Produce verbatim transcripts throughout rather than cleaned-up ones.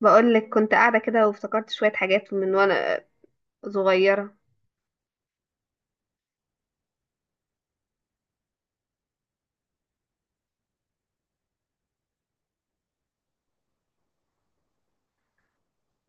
بقولك، كنت قاعدة كده وافتكرت شوية حاجات من وأنا صغيرة.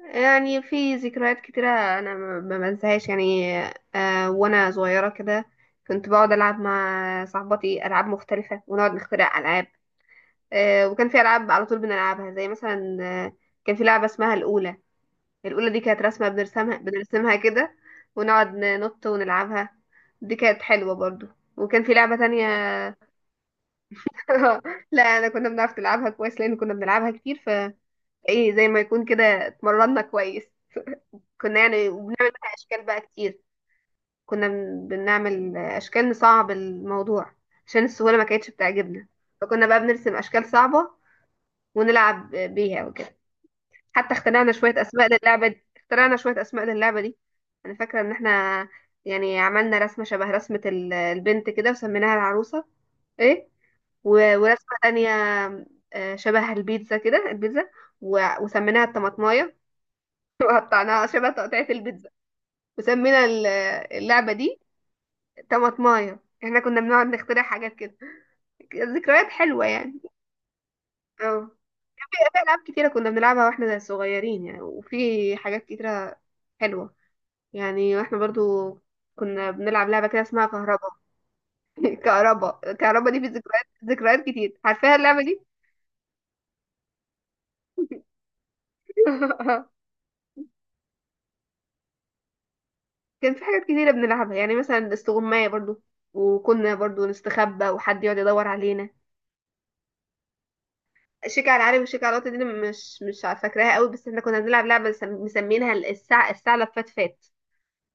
يعني في ذكريات كتيرة أنا ما ما بنساهاش يعني. آه وأنا صغيرة كده كنت بقعد ألعب مع صاحباتي ألعاب مختلفة ونقعد نخترع ألعاب. آه وكان في ألعاب على طول بنلعبها زي مثلا آه كان في لعبة اسمها الأولى. الأولى دي كانت رسمة بنرسمها بنرسمها كده، ونقعد ننط ونلعبها. دي كانت حلوة برضو. وكان في لعبة تانية. لا، أنا كنا بنعرف نلعبها كويس لأن كنا بنلعبها كتير. ايه، زي ما يكون كده اتمرنا كويس. كنا يعني وبنعمل بقى اشكال بقى كتير. كنا بن- بنعمل اشكال نصعب الموضوع، عشان السهوله ما كانتش بتعجبنا. فكنا بقى بنرسم اشكال صعبه، ونلعب بيها وكده. حتى اخترعنا شويه اسماء للعبه دي اخترعنا شويه اسماء للعبه دي انا فاكره ان احنا، يعني عملنا رسمه شبه رسمه ال- البنت كده وسميناها العروسه. ايه. و- ورسمه تانية، آه، شبه البيتزا كده. البيتزا و- وسميناها الطماطمايه. وقطعناها شبه تقطيعة البيتزا، وسمينا ال- اللعبة دي طماطماية. احنا كنا بنقعد نخترع حاجات كده. ذكريات حلوة يعني. اه في في ألعاب كتيرة كنا بنلعبها واحنا صغيرين يعني، وفي حاجات كتيرة حلوة. يعني واحنا برضو كنا بنلعب لعبة كده اسمها كهربا. كهربا كهربا دي في ذكريات ذكريات كتير، عارفاها اللعبة دي. كان في حاجات كتيرة بنلعبها، يعني مثلا استغماية برضو. وكنا برضو نستخبى وحد يقعد يدور علينا. شيك على العالي وشيك على الوطني دي أنا مش مش عارفة فاكراها قوي، بس احنا كنا بنلعب لعبة مسم- مسمينها الساعة الساعة لفات فات.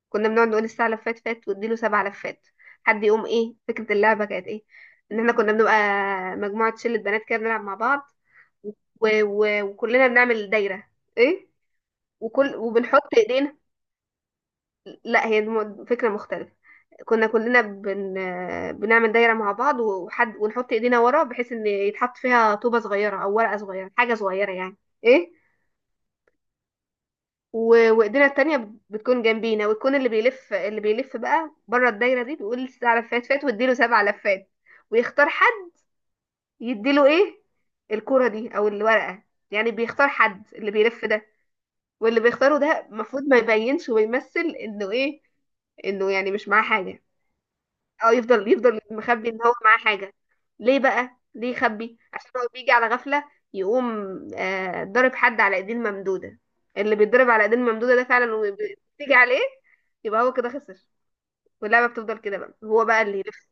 كنا بنقعد نقول الساعة لفات فات واديله سبع لفات. حد يقوم، ايه فكرة اللعبة؟ كانت ايه؟ ان احنا كنا بنبقى مجموعة، شلة بنات كده بنلعب مع بعض، و... و... وكلنا بنعمل دايرة. ايه. وكل وبنحط ايدينا. لا، هي الم- فكرة مختلفة. كنا كلنا بن... بنعمل دايرة مع بعض وحد، ونحط ايدينا ورا بحيث ان يتحط فيها طوبة صغيرة او ورقة صغيرة، حاجة صغيرة يعني. ايه. و- وايدينا التانية بت- بتكون جنبينا، ويكون اللي بيلف اللي بيلف بقى بره الدايرة دي، بيقول سبع لفات فات واديله سبع لفات. ويختار حد، يديله ايه؟ الكرة دي او الورقة. يعني بيختار حد اللي بيلف ده، واللي بيختاره ده المفروض ما يبينش ويمثل انه ايه، انه يعني مش معاه حاجة. اه، يفضل يفضل مخبي ان هو معاه حاجة. ليه بقى ليه يخبي؟ عشان هو بيجي على غفلة، يقوم آه ضارب حد على ايدين ممدودة. اللي بيتضرب على ايدين ممدودة ده فعلا وبتيجي عليه، يبقى هو كده خسر. واللعبة بتفضل كده بقى، هو بقى اللي يلف.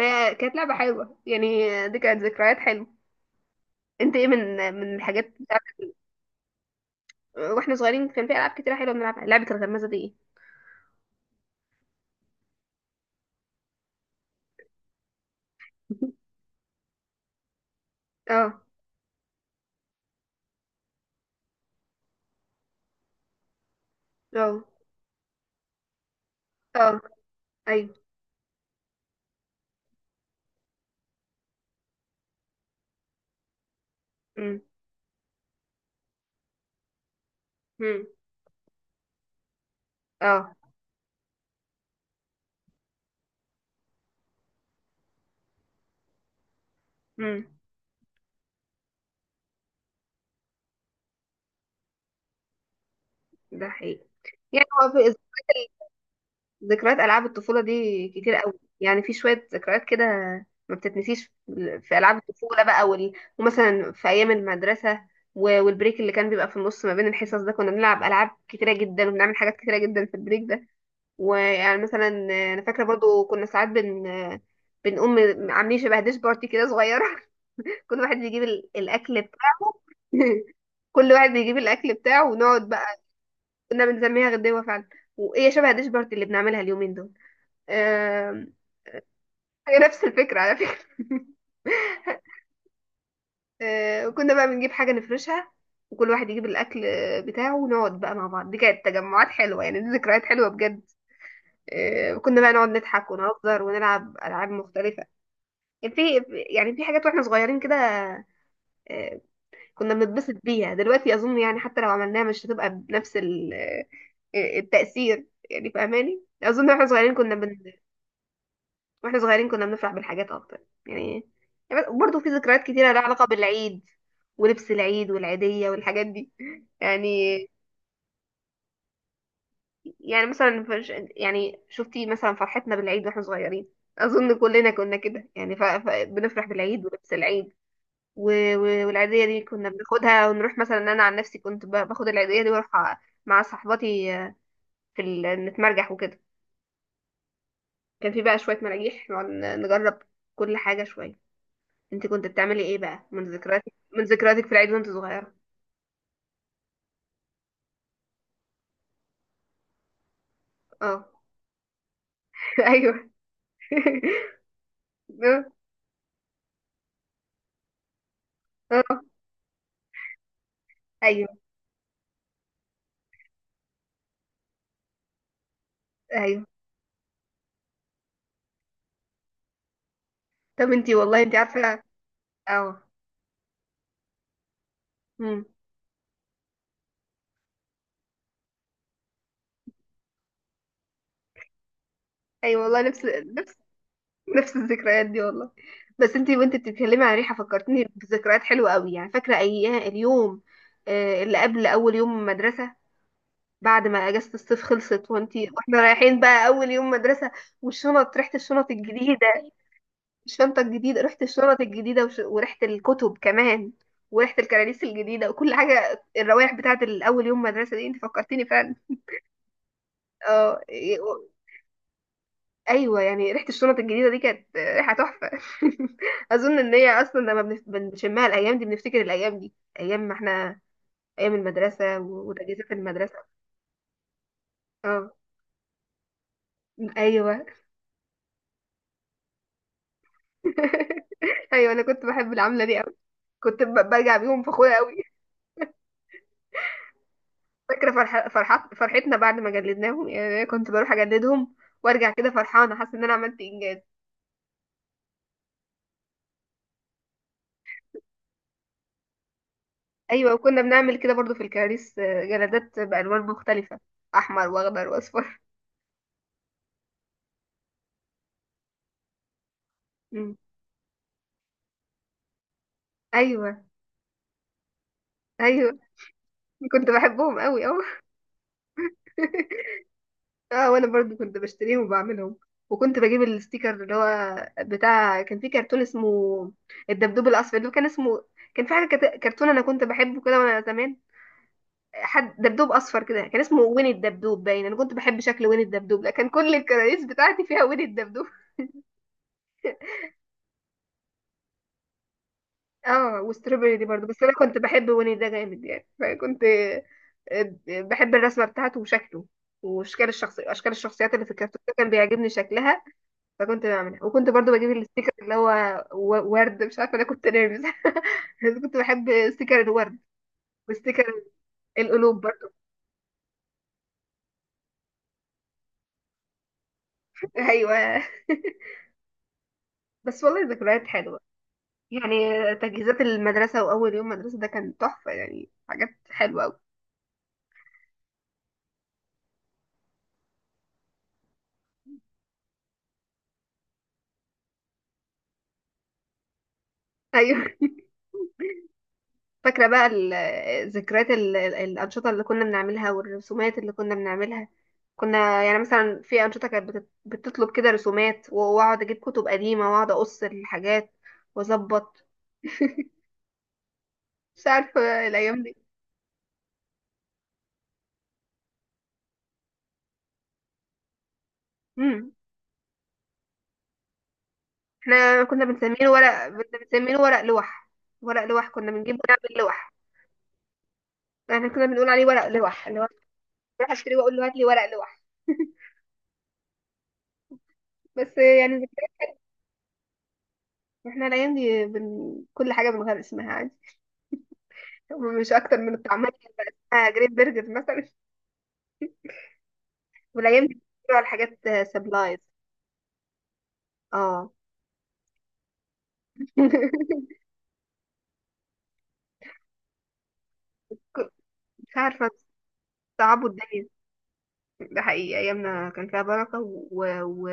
هي كانت لعبة حلوة يعني، دي كانت ذكريات حلوة. انت ايه من من الحاجات بتاعت، واحنا صغيرين كان في العاب كتير حلوة بنلعبها؟ لعبة الغمازة دي ايه؟ اه، اه، اه، ايوه، امم، امم، اه، امم. ده حقيقي. يعني هو في الذكريات، ذكريات ألعاب الطفولة دي كتير قوي يعني. في شوية ذكريات كده ما بتتنسيش في ألعاب الطفولة بقى وال... ومثلا في أيام المدرسة و- والبريك اللي كان بيبقى في النص ما بين الحصص ده، كنا بنلعب ألعاب كتيرة جدا وبنعمل حاجات كتيرة جدا في البريك ده. ويعني مثلا أنا فاكرة برضو كنا ساعات بن بنقوم عاملين شبه ديش بارتي كده صغيرة. كل واحد بيجيب ال- الأكل بتاعه. كل واحد بيجيب الأكل بتاعه، ونقعد بقى. كنا بنسميها غدوة فعلا، وإيه شبه ديش بارتي اللي بنعملها اليومين دول. آم، هي نفس الفكرة على فكرة. آه، وكنا بقى بنجيب حاجة نفرشها، وكل واحد يجيب الأكل آه، بتاعه، ونقعد بقى مع بعض. دي كانت تجمعات حلوة يعني، دي ذكريات حلوة بجد. آه، كنا بقى نقعد نضحك ونهزر ونلعب ألعاب مختلفة. كان في، يعني في حاجات واحنا صغيرين كده، آه، كنا بنتبسط بيها. دلوقتي أظن يعني حتى لو عملناها مش هتبقى بنفس ال- آه، التأثير، يعني فاهماني؟ أظن واحنا صغيرين كنا بن واحنا صغيرين كنا بنفرح بالحاجات اكتر يعني. برضه في ذكريات كتيرة لها علاقة بالعيد، ولبس العيد والعيدية والحاجات دي يعني يعني مثلا فش- يعني شفتي مثلا فرحتنا بالعيد واحنا صغيرين؟ اظن كلنا كنا كده يعني ف... ف... بنفرح بالعيد ولبس العيد. و... و... والعيدية دي كنا بناخدها ونروح، مثلا انا عن نفسي كنت ب... باخد العيدية دي واروح أ- مع صحباتي في ال... نتمرجح وكده. كان في بقى شوية مراجيح نقعد نجرب كل حاجة شوية. انت كنت بتعملي ايه بقى من ذكرياتك من ذكرياتك في العيد وانت صغيرة؟ اه. ايوه. اه، اه، ايوه، ايوه. طب انت، والله انت عارفة. اه. امم. ايوه، والله نفس. نفس نفس الذكريات دي والله. بس انت وانت بتتكلمي عن ريحة فكرتني بذكريات حلوة قوي يعني. فاكرة ايام اليوم آه، اللي قبل اول يوم مدرسة، بعد ما اجازة الصيف خلصت وانت واحنا رايحين بقى اول يوم مدرسة، والشنط، ريحة الشنط الجديدة. الشنطة الجديدة، ريحة الشنط الجديدة وش... وريحة الكتب كمان، وريحة الكراريس الجديدة وكل حاجة. الروائح بتاعة الأول يوم مدرسة دي انت فكرتيني فعلا. اه ي- و- ايوه يعني ريحة الشنط الجديدة دي كانت ريحة تحفة. اظن ان هي اصلا لما بنف- بنشمها الايام دي بنفتكر الايام دي، ايام ما احنا، ايام المدرسة و- وتجهيزات المدرسة. اه، ايوه. ايوه، انا كنت بحب العملة دي قوي. كنت ب- برجع بيهم فخورة قوي. فاكرة فرح... فرحت... فرحتنا بعد ما جلدناهم يعني، أنا كنت بروح أجلدهم وأرجع كده فرحانة، حاسة إن أنا عملت إنجاز. أيوة، وكنا بنعمل كده برضو في الكراريس، آه، جلدات بألوان مختلفة، أحمر وأخضر وأصفر. مم. أيوة، أيوة، كنت بحبهم أوي أوي. اه وانا برضو كنت بشتريهم وبعملهم، وكنت بجيب الستيكر اللي هو بتاع. كان في كرتون اسمه الدبدوب الاصفر، اللي هو كان اسمه، كان في حاجه كت- كرتون انا كنت بحبه كده وانا زمان. حد دبدوب اصفر كده كان اسمه وين الدبدوب، باين انا كنت بحب شكل وين الدبدوب، لا كان كل الكراريس بتاعتي فيها وين الدبدوب. اه وستروبري دي برضو، بس انا كنت بحب ويني ده جامد يعني، فكنت آه، بحب الرسمه بتاعته وشكله. واشكال الشخصيه اشكال الشخصيات اللي في الكرتون ده كان بيعجبني شكلها، فكنت بعملها. وكنت برضو بجيب الستيكر اللي هو و- ورد، مش عارفه انا كنت نيرفز. كنت بحب ستيكر الورد، وستيكر القلوب برضو. ايوه، بس والله ذكريات حلوه يعني، تجهيزات المدرسة وأول يوم مدرسة ده كان تحفة، يعني حاجات حلوة أوي. أيوة. فاكرة بقى ال- ذكريات ال- ال- الأنشطة اللي كنا بنعملها والرسومات اللي كنا بنعملها. كنا يعني مثلا في أنشطة كانت بت- بتطلب كده رسومات، و- وأقعد أجيب كتب قديمة وأقعد أقص الحاجات وأظبط، مش عارفة الأيام دي. مم. احنا كنا بنسميه ورق كنا بنسميه ورق لوح. ورق لوح كنا بنجيب ونعمل لوح. احنا كنا بنقول عليه ورق لوح، اللي هو بروح اشتري واقول له هات لي ورق لوح، بس يعني. احنا الايام دي بن... كل حاجه بنغير اسمها عادي، مش اكتر من الطعميه اللي بقى اسمها جريت برجر مثلا. والايام دي بيقولوا على حاجات سبلايز. اه. مش عارفه، صعبوا الدنيا. ده حقيقي، ايامنا كان فيها بركه و... و...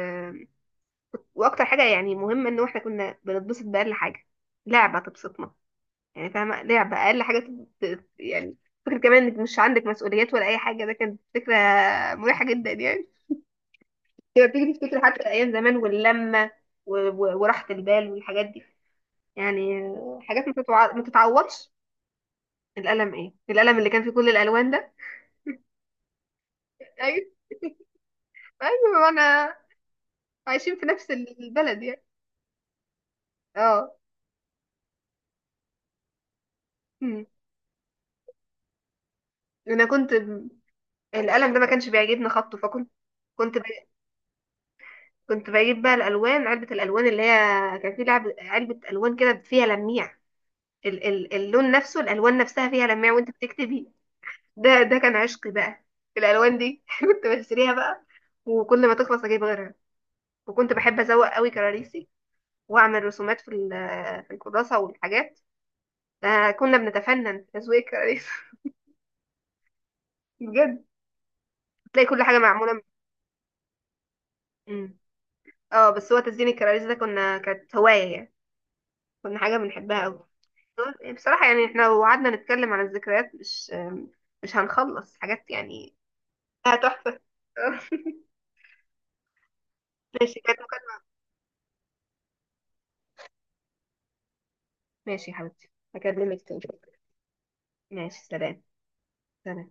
واكتر حاجه يعني مهمه ان احنا كنا بنتبسط باقل حاجه، لعبه تبسطنا يعني. فاهمه، لعبه اقل حاجه تب... ت- يعني. فكرة كمان انك مش عندك مسؤوليات ولا اي حاجه، ده كانت فكره مريحه جدا يعني. تبقى بتيجي تفتكر حتى ايام زمان واللمه و- و- وراحه البال والحاجات دي، يعني آه، حاجات ما تتوع- ما تتعوضش. القلم، ايه القلم اللي كان فيه كل الالوان ده؟ ايوه. ايوه انا، عايشين في نفس البلد يعني. اه. أمم. انا كنت ب- القلم ده ما كانش بيعجبني خطه، فكنت كنت ب... كنت بجيب بقى الالوان، علبه الالوان اللي هي، كان في لعب علبه الوان كده فيها لميع، ال... ال... اللون نفسه، الالوان نفسها فيها لميع وانت بتكتبي. ده ده كان عشقي بقى، الالوان دي. كنت بشتريها بقى، وكل ما تخلص اجيب غيرها. وكنت بحب ازوق قوي كراريسي، واعمل رسومات في ال- في الكراسه والحاجات. آه كنا بنتفنن في تزويق الكراريس. بجد، تلاقي كل حاجه معموله م- مم. اه بس هو تزيين الكراريس ده كنا كانت هوايه يعني، كنا حاجه بنحبها قوي. بصراحه يعني، احنا لو قعدنا نتكلم عن الذكريات مش آم، مش هنخلص حاجات يعني، آه، تحفه. ماشي، كانت مكالمة. ماشي يا حبيبتي، هكلمك تاني. ماشي، سلام. سلام.